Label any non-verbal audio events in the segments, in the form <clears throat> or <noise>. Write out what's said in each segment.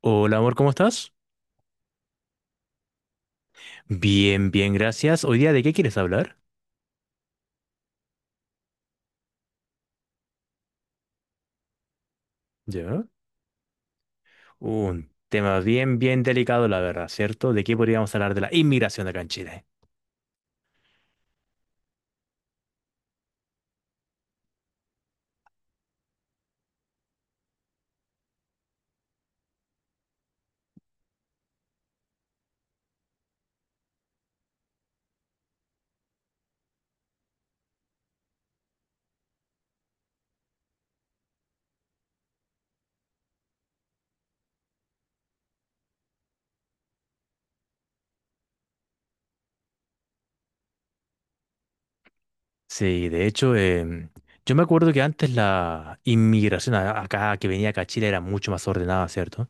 Hola amor, ¿cómo estás? Bien, bien, gracias. Hoy día, ¿de qué quieres hablar? Ya. Un tema bien, bien delicado, la verdad, ¿cierto? ¿De qué podríamos hablar de la inmigración acá en Chile? Sí, de hecho, yo me acuerdo que antes la inmigración acá, que venía acá a Chile, era mucho más ordenada, ¿cierto?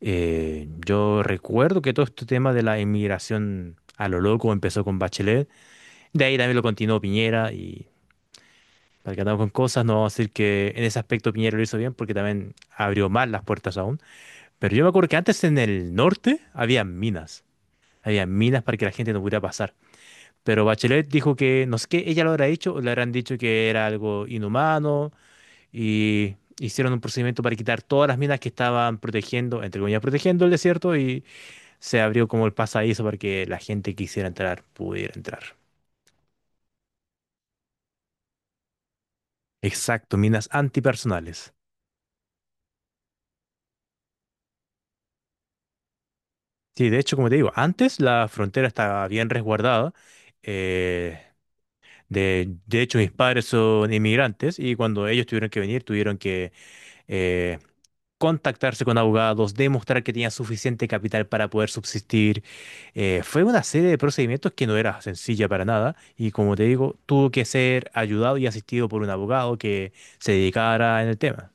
Yo recuerdo que todo este tema de la inmigración a lo loco empezó con Bachelet, de ahí también lo continuó Piñera y... Para que andamos con cosas, no vamos a decir que en ese aspecto Piñera lo hizo bien porque también abrió más las puertas aún. Pero yo me acuerdo que antes en el norte había minas. Había minas para que la gente no pudiera pasar. Pero Bachelet dijo que, no sé qué, ella lo habrá hecho o le habrán dicho que era algo inhumano y hicieron un procedimiento para quitar todas las minas que estaban protegiendo, entre comillas, protegiendo el desierto y se abrió como el pasadizo para que la gente que quisiera entrar pudiera entrar. Exacto, minas antipersonales. Sí, de hecho, como te digo, antes la frontera estaba bien resguardada. eh, de hecho, mis padres son inmigrantes y cuando ellos tuvieron que venir, tuvieron que eh, contactarse con abogados, demostrar que tenían suficiente capital para poder subsistir. Fue una serie de procedimientos que no era sencilla para nada y como te digo, tuvo que ser ayudado y asistido por un abogado que se dedicara en el tema.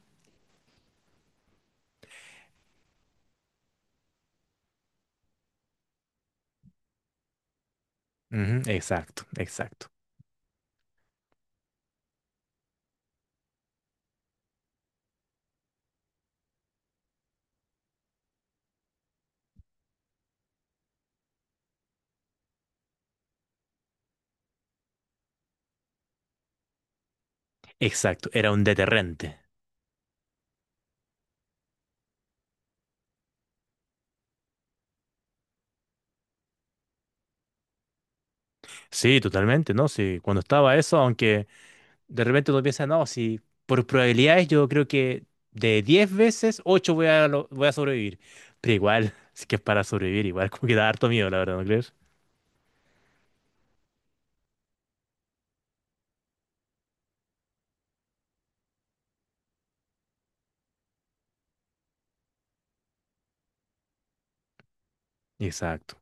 Ujú, exacto, exacto, exacto. Era un deterrente. Sí, totalmente, ¿no? Sí, cuando estaba eso, aunque... De repente uno piensa, no, si por probabilidades yo creo que de 10 veces, 8 voy a, voy a sobrevivir. Pero igual, <laughs> es que es para sobrevivir, igual como que da harto miedo, la verdad, ¿no crees? Exacto,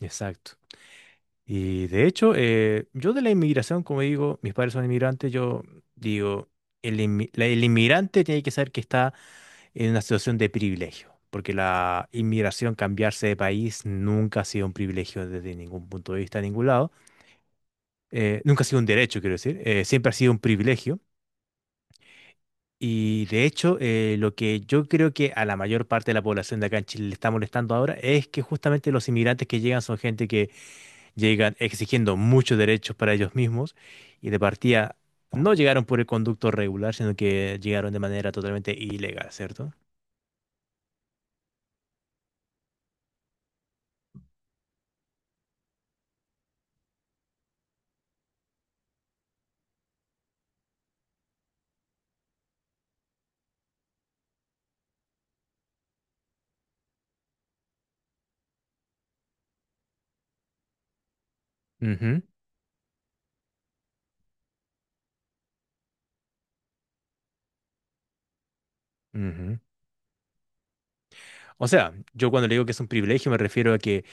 exacto. Y de hecho, yo de la inmigración, como digo, mis padres son inmigrantes, yo digo, el inmigrante tiene que saber que está en una situación de privilegio, porque la inmigración, cambiarse de país, nunca ha sido un privilegio desde ningún punto de vista, de ningún lado. Nunca ha sido un derecho, quiero decir, siempre ha sido un privilegio. Y de hecho, lo que yo creo que a la mayor parte de la población de acá en Chile le está molestando ahora es que justamente los inmigrantes que llegan son gente que llegan exigiendo muchos derechos para ellos mismos y de partida no llegaron por el conducto regular, sino que llegaron de manera totalmente ilegal, cierto. Ujú, ujú. O sea, yo cuando le digo que es un privilegio me refiero a que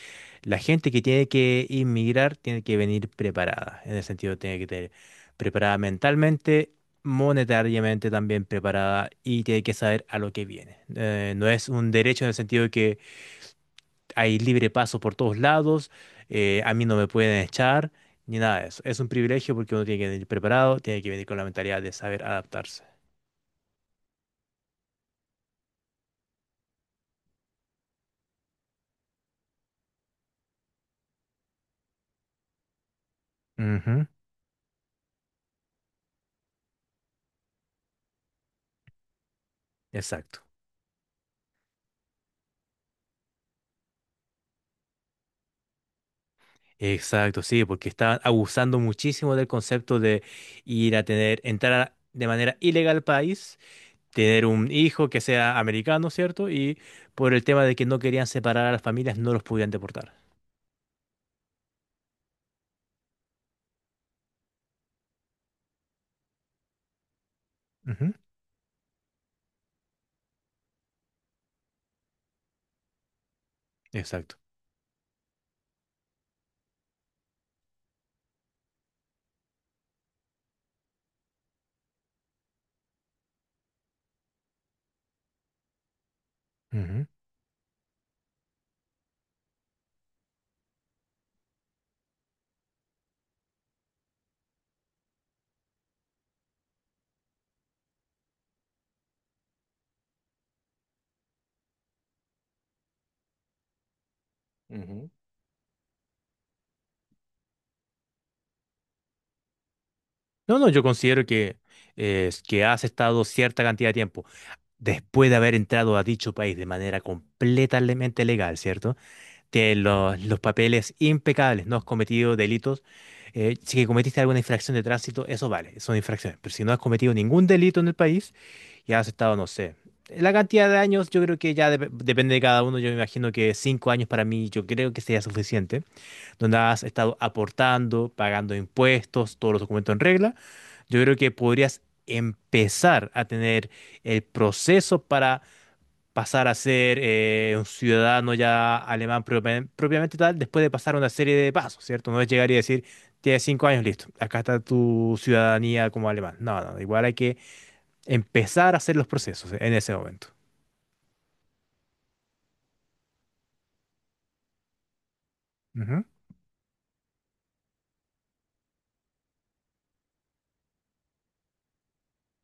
la gente que tiene que inmigrar tiene que venir preparada, en el sentido tiene que tener preparada mentalmente, monetariamente también preparada y tiene que saber a lo que viene. No es un derecho en el sentido de que hay libre paso por todos lados, a mí no me pueden echar, ni nada de eso. Es un privilegio porque uno tiene que venir preparado, tiene que venir con la mentalidad de saber adaptarse. Ujú, exacto. Exacto, sí, porque estaban abusando muchísimo del concepto de ir a tener, de manera ilegal al país, tener un hijo que sea americano, ¿cierto? Y por el tema de que no querían separar a las familias, no los podían deportar. Ujú, exacto. Ujú. Ujú. No, no, yo considero que has estado cierta cantidad de tiempo después de haber entrado a dicho país de manera completamente legal, ¿cierto? Tienes los papeles impecables, no has cometido delitos. Si cometiste alguna infracción de tránsito, eso vale, son infracciones. Pero si no has cometido ningún delito en el país y has estado, no sé, la cantidad de años, yo creo que ya depende de cada uno. Yo me imagino que cinco años para mí, yo creo que sería suficiente, donde has estado aportando, pagando impuestos, todos los documentos en regla. Yo creo que podrías empezar a tener el proceso para pasar a ser un ciudadano ya alemán propiamente, propiamente tal, después de pasar una serie de pasos, ¿cierto? No es llegar y decir, tienes cinco años, listo, acá está tu ciudadanía como alemán. No, no, igual hay que empezar a hacer los procesos en ese momento. Ujú,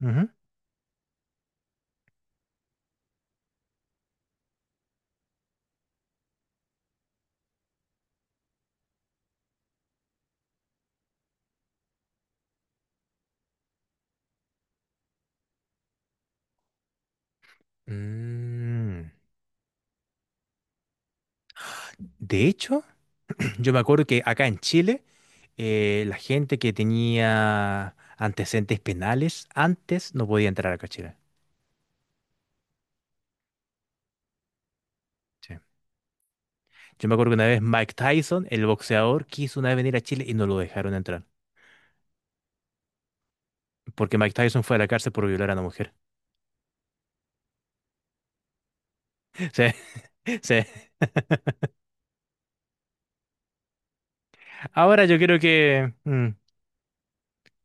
ujú. Mm. De hecho, <clears throat> yo me acuerdo que acá en Chile, la gente que tenía antecedentes penales antes no podía entrar acá a Chile. Sí. Yo me acuerdo que una vez Mike Tyson, el boxeador, quiso una vez venir a Chile y no lo dejaron entrar. Porque Mike Tyson fue a la cárcel por violar a una mujer. <laughs> Sí, sí. Ahora yo creo que... mm,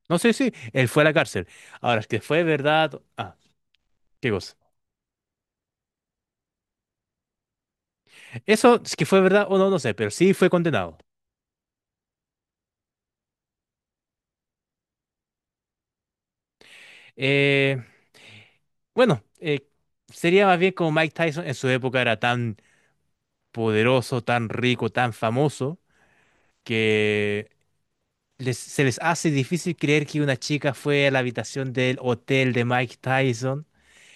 no sé si él fue a la cárcel. Ahora, es que fue verdad... Ah, qué cosa. Eso, es que fue verdad o no, no sé, pero sí fue condenado. Eh, bueno, eh, Sería más bien como Mike Tyson en su época era tan poderoso, tan rico, tan famoso, que se les hace difícil creer que una chica fue a la habitación del hotel de Mike Tyson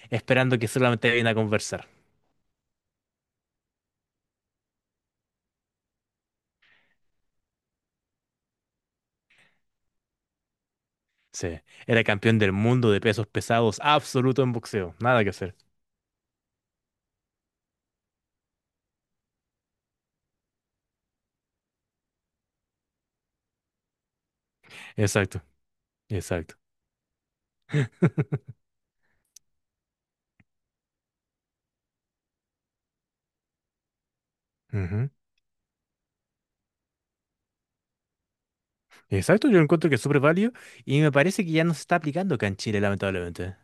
esperando que solamente viniera a conversar. Sí, era campeón del mundo de pesos pesados, absoluto en boxeo, nada que hacer. Exacto, exacto. <laughs> Ujú. Exacto, yo encuentro que es súper válido y me parece que ya no se está aplicando acá en Chile, lamentablemente.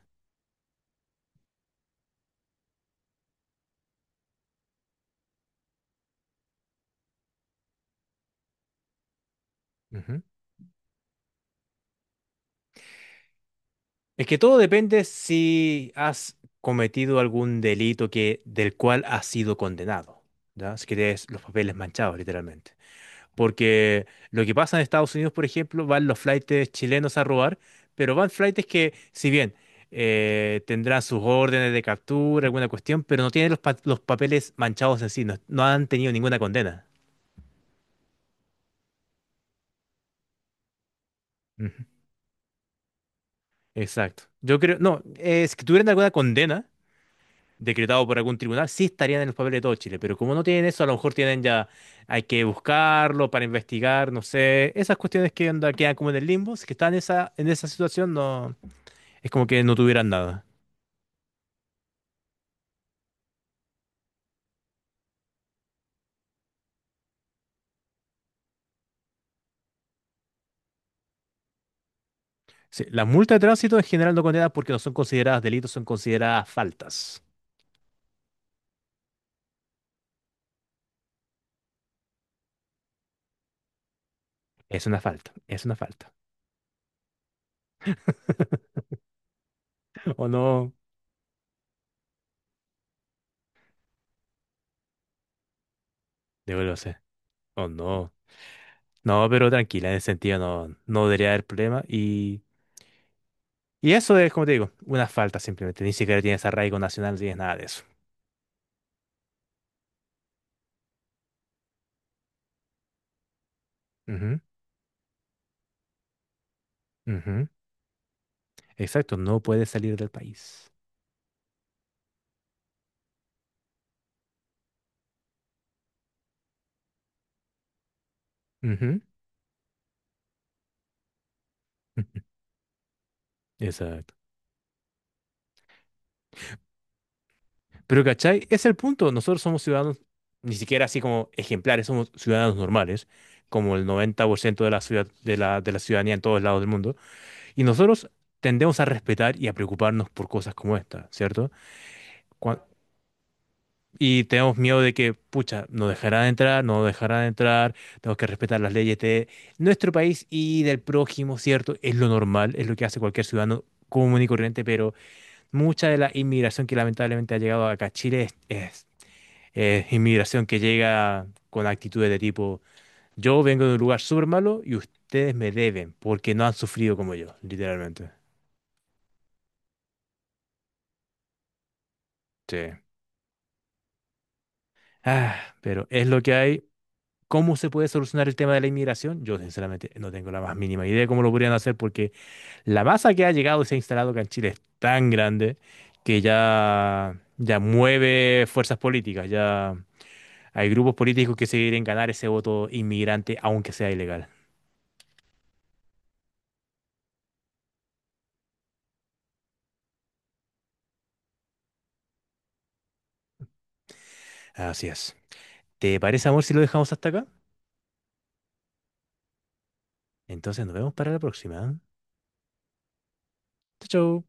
Ujú. Es que todo depende si has cometido algún delito que, del cual has sido condenado, ¿ya? Si que tienes los papeles manchados, literalmente. Porque lo que pasa en Estados Unidos, por ejemplo, van los flaites chilenos a robar, pero van flaites que, si bien tendrán sus órdenes de captura, alguna cuestión, pero no tienen los, los papeles manchados en sí, no, no han tenido ninguna condena. Ujú. Exacto. Yo creo, no, si tuvieran alguna condena decretado por algún tribunal, sí estarían en los papeles de todo Chile, pero como no tienen eso, a lo mejor tienen ya, hay que buscarlo para investigar, no sé, esas cuestiones que onda, quedan como en el limbo, si que están en esa situación, no, es como que no tuvieran nada. Sí, las multas de tránsito en general no condenan porque no son consideradas delitos, son consideradas faltas. Es una falta, es una falta. <laughs> O no, debo lo sé. O no. No, pero tranquila, en ese sentido no, no debería haber problema. Y eso es, como te digo, una falta simplemente. Ni siquiera tienes arraigo nacional, no tienes nada de eso. Ujú, ujú. Exacto, no puedes salir del país. Ujú, ujú. Exacto. Pero, ¿cachai? Es el punto. Nosotros somos ciudadanos, ni siquiera así como ejemplares, somos ciudadanos normales, como el 90% de la ciudad, de la ciudadanía en todos lados del mundo. Y nosotros tendemos a respetar y a preocuparnos por cosas como esta, ¿cierto? Cuan- y tenemos miedo de que, pucha, no dejará de entrar, no dejará de entrar, tenemos que respetar las leyes de nuestro país y del prójimo, ¿cierto? Es lo normal, es lo que hace cualquier ciudadano común y corriente, pero mucha de la inmigración que lamentablemente ha llegado acá a Chile es, inmigración que llega con actitudes de tipo, yo vengo de un lugar súper malo y ustedes me deben porque no han sufrido como yo, literalmente. Sí. Ah, pero es lo que hay. ¿Cómo se puede solucionar el tema de la inmigración? Yo sinceramente no tengo la más mínima idea de cómo lo podrían hacer porque la masa que ha llegado y se ha instalado acá en Chile es tan grande que ya, ya mueve fuerzas políticas, ya hay grupos políticos que se quieren ganar ese voto inmigrante aunque sea ilegal. Así es. ¿Te parece, amor, si lo dejamos hasta acá? Entonces nos vemos para la próxima. Chau, chau.